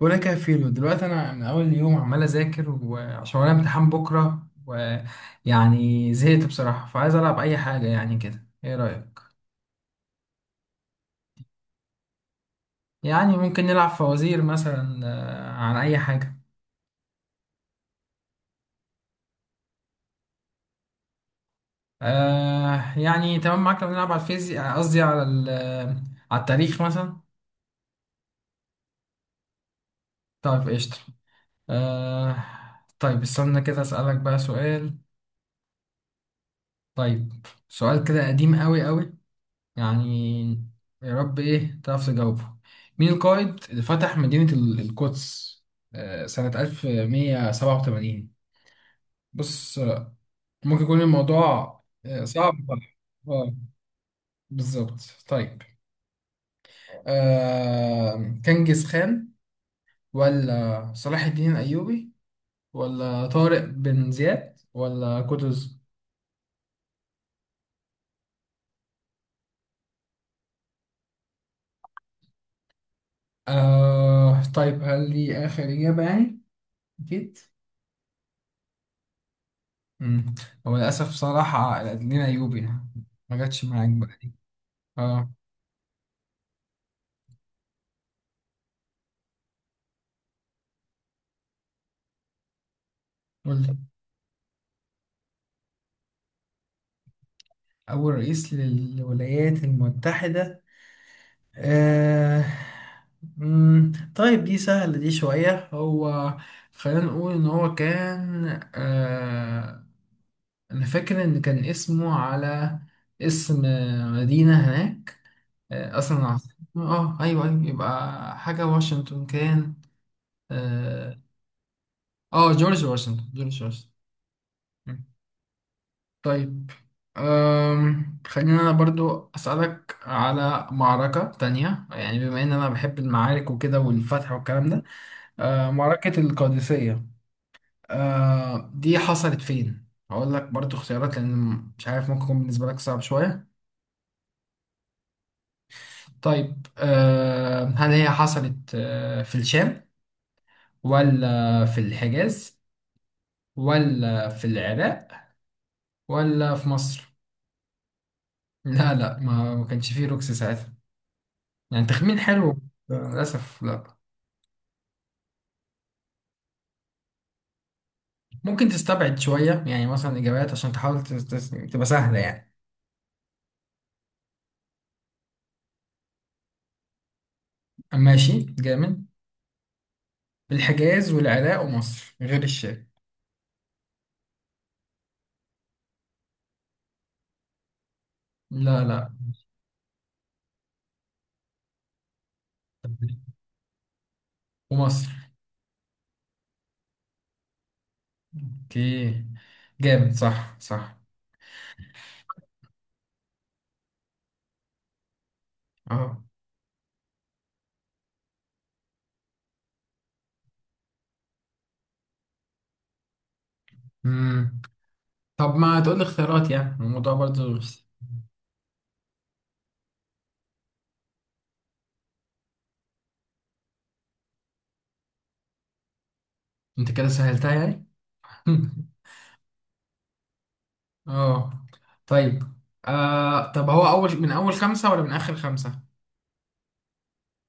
ولا كفيل دلوقتي انا من اول يوم عمال اذاكر وعشان ورايا امتحان بكره ويعني زهقت بصراحه فعايز العب اي حاجه يعني كده ايه رايك؟ يعني ممكن نلعب فوازير مثلا، عن اي حاجه. يعني تمام معاك. لو نلعب على الفيزياء، قصدي على على التاريخ مثلا. طيب قشطه. آه. طيب استنى كده اسالك بقى سؤال. طيب، سؤال كده قديم قوي، يعني يا رب ايه تعرف تجاوبه. مين القائد اللي فتح مدينة القدس سنة 1187؟ بص ممكن يكون الموضوع صعب بقى. اه، بالظبط. طيب، كنجز خان، ولا صلاح الدين الأيوبي، ولا طارق بن زياد، ولا قطز؟ طيب هل دي آخر إجابة يعني؟ أكيد؟ مم. هو للأسف صراحة لينا أيوبي يعني. ما جاتش معاك بقى دي. اه. قول لي. أول رئيس للولايات المتحدة. آه. مم. طيب دي سهلة دي شوية. هو خلينا نقول إن هو كان، آه، أنا فاكر إن كان اسمه على اسم مدينة هناك. آه، أصلا العاصمة، اه أيوه أيوه، يبقى حاجة واشنطن كان. اه. جورج واشنطن، جورج واشنطن. طيب أم، خلينا أنا برضو أسألك على معركة تانية، يعني بما إن أنا بحب المعارك وكده والفتح والكلام ده. أه، معركة القادسية. أه، دي حصلت فين؟ هقول لك برضو اختيارات، لأن مش عارف ممكن يكون بالنسبة لك صعب شوية. طيب، أه، هل هي حصلت أه في الشام، ولا في الحجاز، ولا في العراق، ولا في مصر؟ لا، ما كانش فيه روكس ساعتها. يعني تخمين حلو. للأسف لا. ممكن تستبعد شوية، يعني مثلا إجابات عشان تحاول تبقى سهلة يعني. ماشي جامد. الحجاز والعراق ومصر غير الشام. لا ومصر. اوكي. جامد، صح صح. اه. مم. طب ما تقول لي اختيارات، يعني الموضوع برضو. انت كده سهلتها يعني. اه. طيب، آه، طب هو اول، من اول خمسة ولا من اخر خمسة،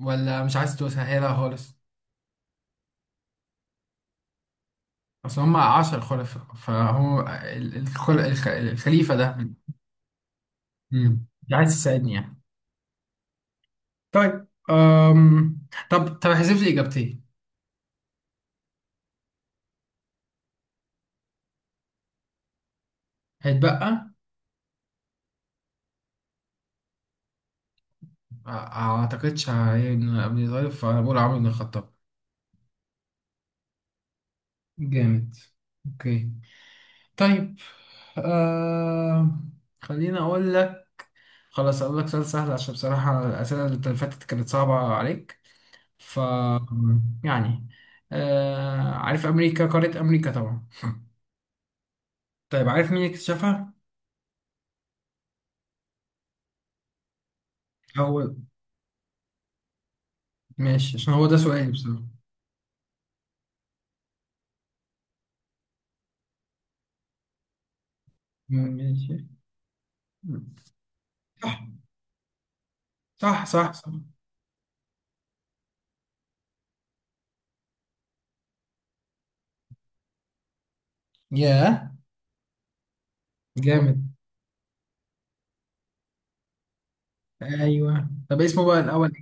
ولا مش عايز تسهلها خالص؟ اصل هم عشر خلفاء، فهو الخليفة ده. امم، مش عايز تساعدني يعني؟ طيب أم، طب احذف لي اجابتين. هيتبقى. آه، ما اعتقدش، ان ابني ظريف فانا بقول عمرو بن الخطاب. جامد. اوكي. طيب أم، خليني اقول لك. خلاص اقول لك سؤال سهل، عشان بصراحة الاسئلة اللي فاتت كانت صعبة عليك. ف، يعني، أه، عارف امريكا، قارة امريكا طبعا. طيب عارف مين اللي اكتشفها؟ هو ماشي عشان هو ده سؤالي بصراحة. ماشي، صح صح صح. ياه. جامد. ايوه، طب اسمه بقى الاول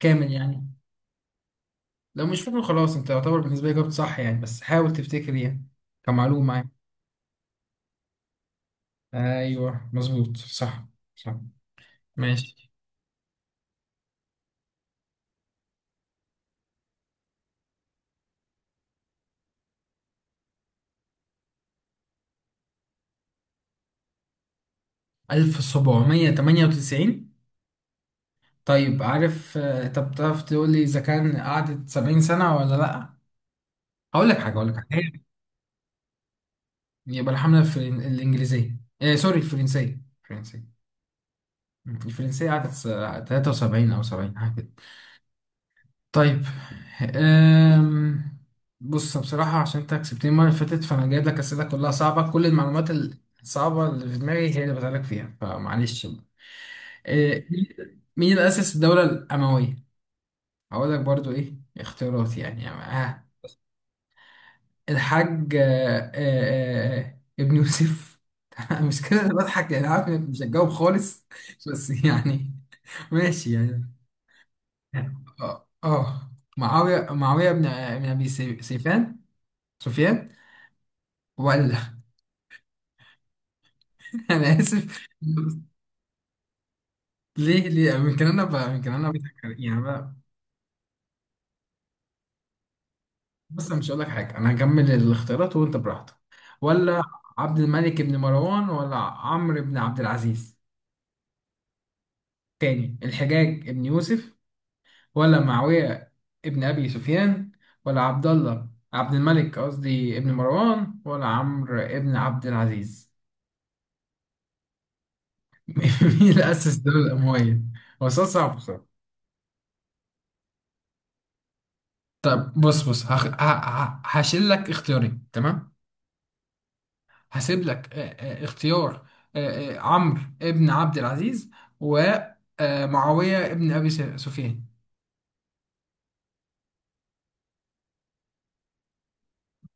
كامل يعني. لو مش فاكره خلاص انت يعتبر بالنسبه لي جاوبت صح يعني، بس حاول تفتكر يعني كمعلومه يعني. ايوه مظبوط، صح صح. ماشي. 1798. طيب عارف طب تعرف تقول لي اذا كان قعدت 70 سنة سنه ولا لا؟ هقول لك حاجه، هي، يبقى الحمله الانجليزيه، آه سوري، الفرنسيه الفرنسيه قعدت 73 او 70. طيب أم، بص بصراحة عشان انت كسبتني المرة اللي فاتت، فانا جايب لك اسئلة كلها صعبة، كل المعلومات الصعبة اللي في دماغي هي اللي بسألك فيها، فمعلش بقى. أه، مين اللي أسس الدولة الأموية؟ هقول لك برضو ايه اختيارات يعني يعني آه. الحاج ابن يوسف. مش كده، أنا بضحك يعني، عارف انك مش هتجاوب خالص بس يعني. ماشي يعني. اه آه. معاوية بن ابي سيفان، سفيان، ولا. انا اسف. ليه ليه يمكن انا بقى، يمكن انا بتذكر يعني بقى. بس أنا مش هقول لك حاجه، انا هكمل الاختيارات وانت براحتك. ولا عبد الملك بن مروان، ولا عمرو بن عبد العزيز. تاني، الحجاج بن يوسف، ولا معاويه ابن ابي سفيان، ولا عبد الله، عبد الملك قصدي ابن مروان، ولا عمرو ابن عبد العزيز. مين اللي اسس الدوله الامويه؟ هو سؤال صعب. طب بص هشيل لك اختيارين تمام. هسيب لك اختيار، عمرو ابن عبد العزيز ومعاوية ابن أبي سفيان.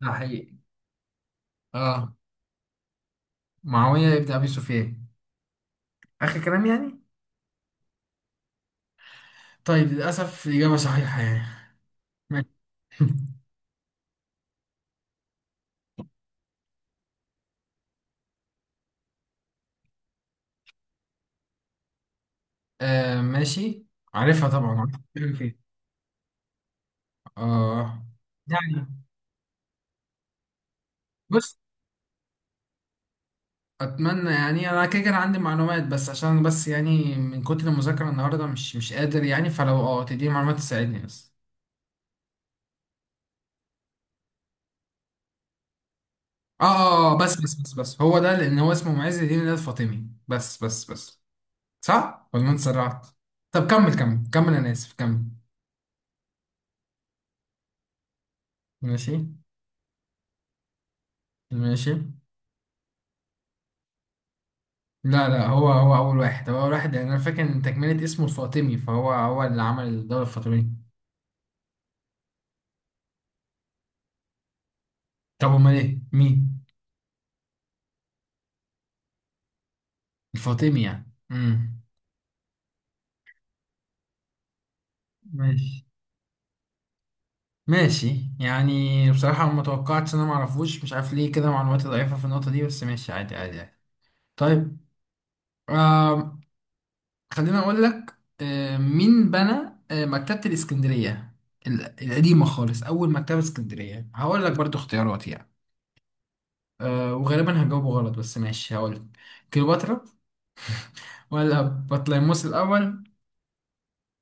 ده حقيقي. اه، معاوية ابن أبي سفيان. آخر كلام يعني. طيب للأسف الإجابة صحيحة يعني. ماشي. آه ماشي، عارفها طبعا، عارف الكلام فين. اه يعني بص، اتمنى يعني انا كده كان عندي معلومات، بس عشان بس يعني من كتر المذاكره النهارده مش قادر يعني، فلو اه تديني معلومات تساعدني بس. اه اه بس هو ده، لان هو اسمه معز الدين ده الفاطمي بس. صح ولا انا اتسرعت؟ طب كمل كمل، انا اسف، كمل. ماشي. ماشي. لا هو اول واحد، هو اول واحد يعني، انا فاكر ان تكمله اسمه الفاطمي، فهو هو اللي عمل الدوله الفاطميه. طب امال ايه مين؟ الفاطمي يعني امم. ماشي، ماشي يعني، بصراحة ما توقعتش انا ما اعرفوش، مش عارف ليه كده معلوماتي ضعيفة في النقطة دي، بس ماشي عادي عادي يعني. طيب. آم، خليني اقول لك آه مين بنى آه مكتبة الاسكندرية، القديمة خالص، اول مكتبة اسكندرية. هقول لك برضو اختيارات يعني، آه وغالبا هجاوبه غلط بس ماشي هقول لك. كليوباترا، ولا بطليموس الاول،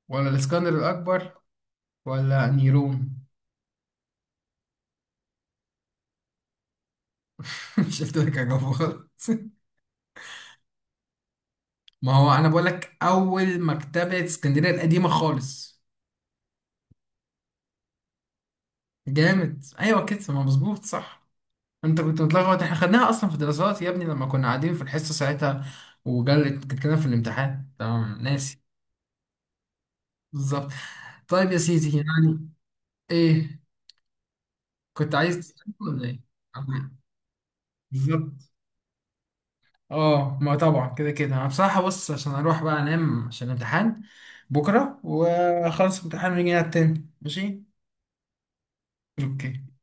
ولا الاسكندر الاكبر، ولا نيرون. مش قلت لك هجاوبه غلط؟ ما هو انا بقول لك اول مكتبة اسكندرية القديمة خالص. جامد ايوه كده، ما مظبوط صح. انت كنت متلخبط، احنا خدناها اصلا في دراسات يا ابني لما كنا قاعدين في الحصة ساعتها، وجلت كانت لنا في الامتحان تمام ناسي. بالظبط. طيب يا سيدي يعني. ايه، كنت عايز تسأل ولا ايه؟ عن، بالظبط. اه ما طبعا كده كده انا بصراحة، بص عشان اروح بقى انام عشان الامتحان بكرة واخلص الامتحان ونيجي نلعب تاني ماشي. اوكي.